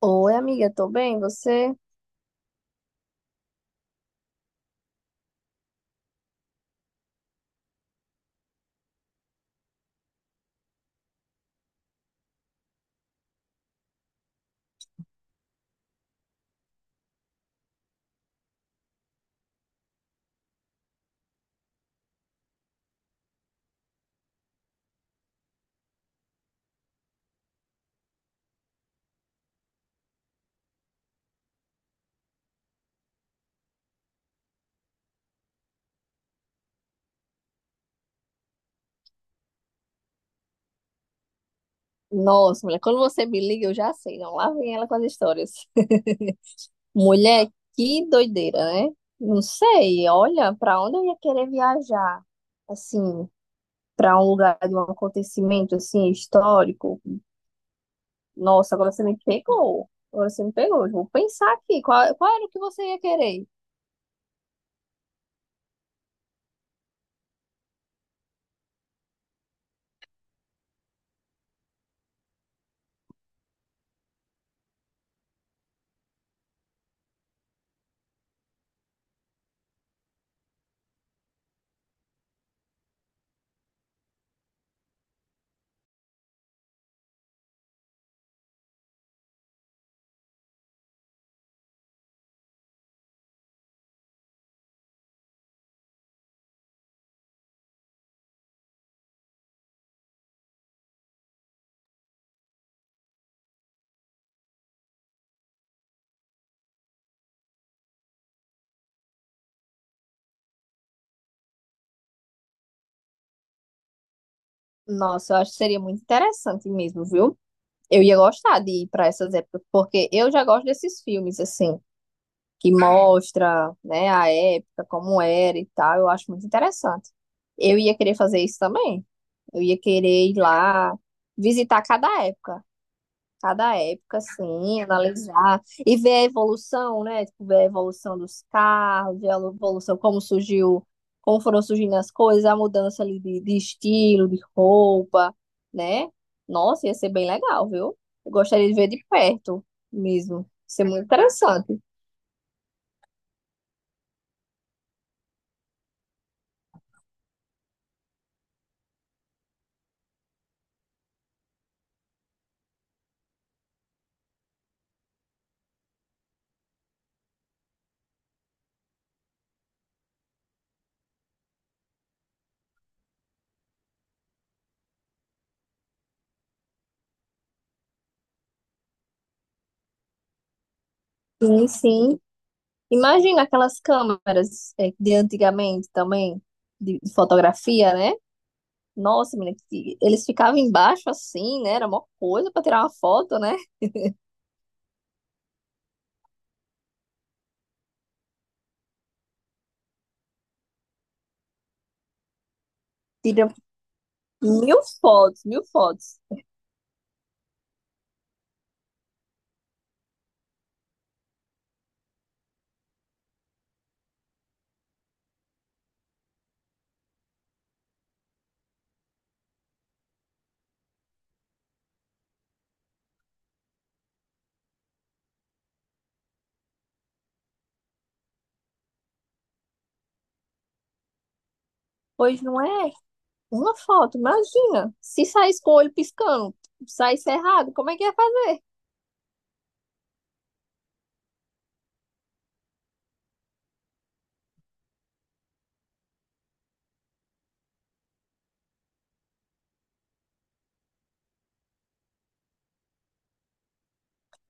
Oi, amiga, tô bem, você? Nossa, mulher, quando você me liga, eu já sei, não, lá vem ela com as histórias. Mulher, que doideira, né? Não sei, olha, pra onde eu ia querer viajar? Assim, pra um lugar de um acontecimento, assim, histórico. Nossa, agora você me pegou, agora você me pegou. Eu vou pensar aqui, qual era o que você ia querer? Nossa, eu acho que seria muito interessante mesmo, viu? Eu ia gostar de ir pra essas épocas, porque eu já gosto desses filmes, assim, que mostra, né, a época, como era e tal. Eu acho muito interessante. Eu ia querer fazer isso também. Eu ia querer ir lá visitar cada época, assim, analisar e ver a evolução, né? Tipo, ver a evolução dos carros, ver a evolução, como surgiu, como foram surgindo as coisas, a mudança ali de estilo, de roupa, né? Nossa, ia ser bem legal, viu? Eu gostaria de ver de perto mesmo. Ia ser muito interessante. Sim, sim. Imagina aquelas câmeras, de antigamente também, de fotografia, né? Nossa, menina, eles ficavam embaixo assim, né? Era uma coisa para tirar uma foto, né? Tira mil fotos, mil fotos. Pois não é uma foto, imagina. Se saísse com o olho piscando, saísse errado, como é que ia fazer?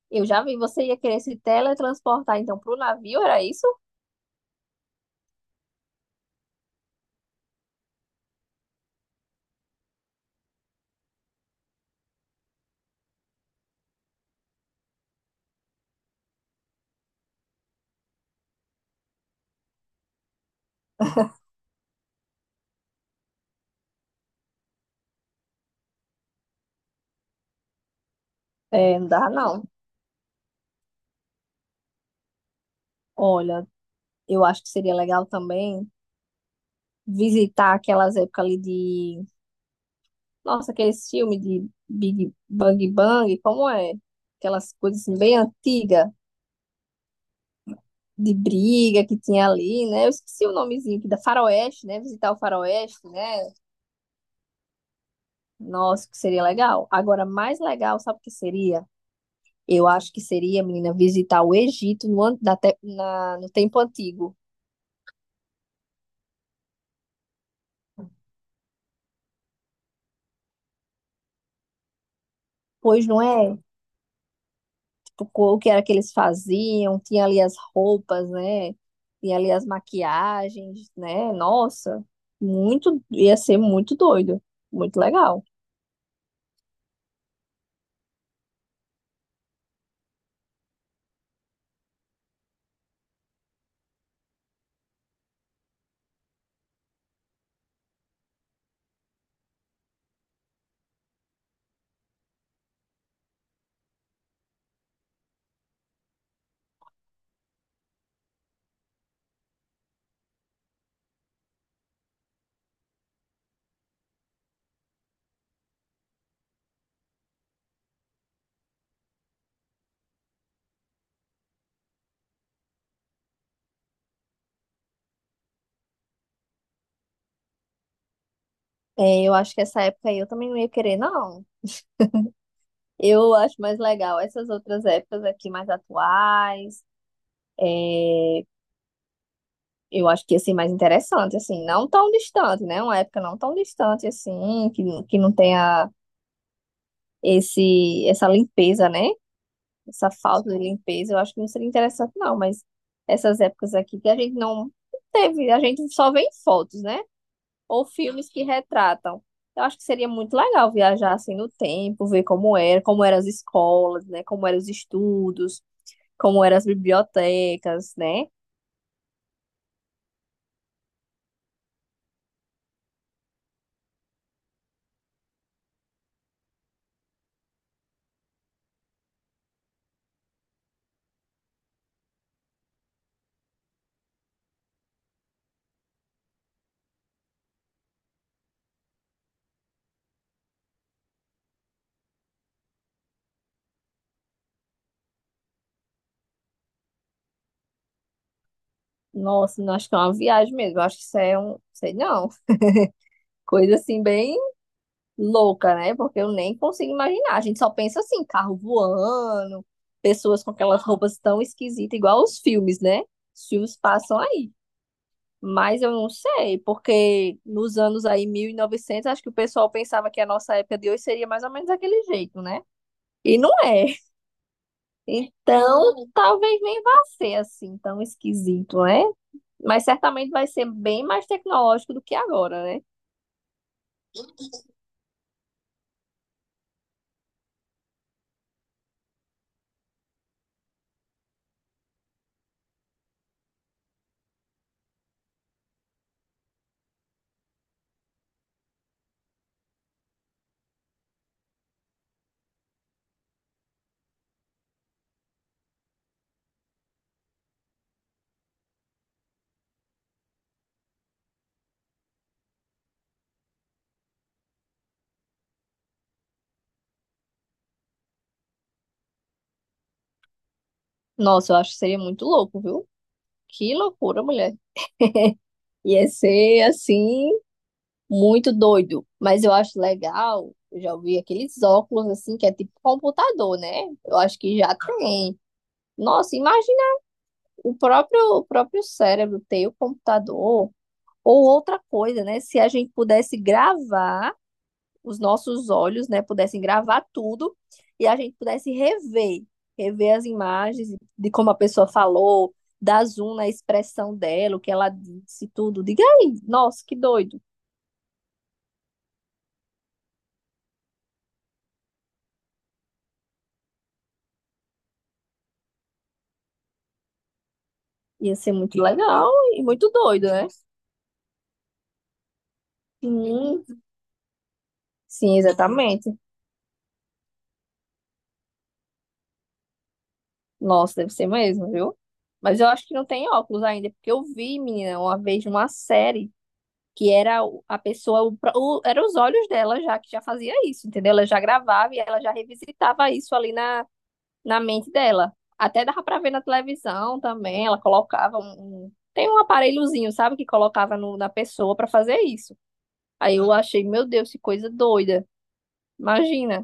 Eu já vi, você ia querer se teletransportar então pro navio, era isso? É, não dá não. Olha, eu acho que seria legal também visitar aquelas épocas ali de... Nossa, aqueles filmes de Big Bang Bang, como é? Aquelas coisas assim, bem antigas, de briga que tinha ali, né? Eu esqueci o nomezinho aqui, da Faroeste, né? Visitar o Faroeste, né? Nossa, que seria legal. Agora, mais legal, sabe o que seria? Eu acho que seria, menina, visitar o Egito no, an- na, te- na- no tempo antigo. Pois não é? O que era que eles faziam, tinha ali as roupas, né? Tinha ali as maquiagens, né? Nossa, muito, ia ser muito doido, muito legal. É, eu acho que essa época aí eu também não ia querer, não. Eu acho mais legal essas outras épocas aqui mais atuais. É, eu acho que ia ser mais interessante, assim, não tão distante, né? Uma época não tão distante assim, que não tenha essa limpeza, né? Essa falta de limpeza, eu acho que não seria interessante, não, mas essas épocas aqui que a gente não teve, a gente só vê em fotos, né? Ou filmes que retratam. Eu acho que seria muito legal viajar assim no tempo, ver como era, como eram as escolas, né? Como eram os estudos, como eram as bibliotecas, né? Nossa, não, acho que é uma viagem mesmo. Eu acho que isso é um, sei não, coisa assim bem louca, né? Porque eu nem consigo imaginar. A gente só pensa assim, carro voando, pessoas com aquelas roupas tão esquisitas, igual os filmes, né? Os filmes passam aí. Mas eu não sei, porque nos anos aí 1900 acho que o pessoal pensava que a nossa época de hoje seria mais ou menos daquele jeito, né? E não é. Então, talvez nem vá ser assim tão esquisito, né? Mas certamente vai ser bem mais tecnológico do que agora, né? Nossa, eu acho que seria muito louco, viu? Que loucura, mulher. Ia ser assim, muito doido. Mas eu acho legal. Eu já ouvi aqueles óculos assim, que é tipo computador, né? Eu acho que já tem. Nossa, imagina o próprio cérebro ter o computador. Ou outra coisa, né? Se a gente pudesse gravar os nossos olhos, né? Pudessem gravar tudo e a gente pudesse rever, rever as imagens de como a pessoa falou, dar zoom na expressão dela, o que ela disse, tudo. Diga aí, nossa, que doido. Ia ser muito legal e muito doido, né? Sim, sim, exatamente. Nossa, deve ser mesmo, viu? Mas eu acho que não tem óculos ainda, porque eu vi, menina, uma vez numa série que era a pessoa, era os olhos dela já que já fazia isso, entendeu? Ela já gravava e ela já revisitava isso ali na mente dela. Até dava pra ver na televisão também, ela colocava tem um aparelhozinho, sabe, que colocava na pessoa pra fazer isso. Aí eu achei, meu Deus, que coisa doida. Imagina.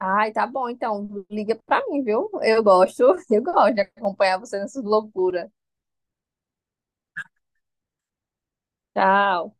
Ai, tá bom, então liga pra mim, viu? Eu gosto, eu gosto de acompanhar você nessas loucuras. Tchau.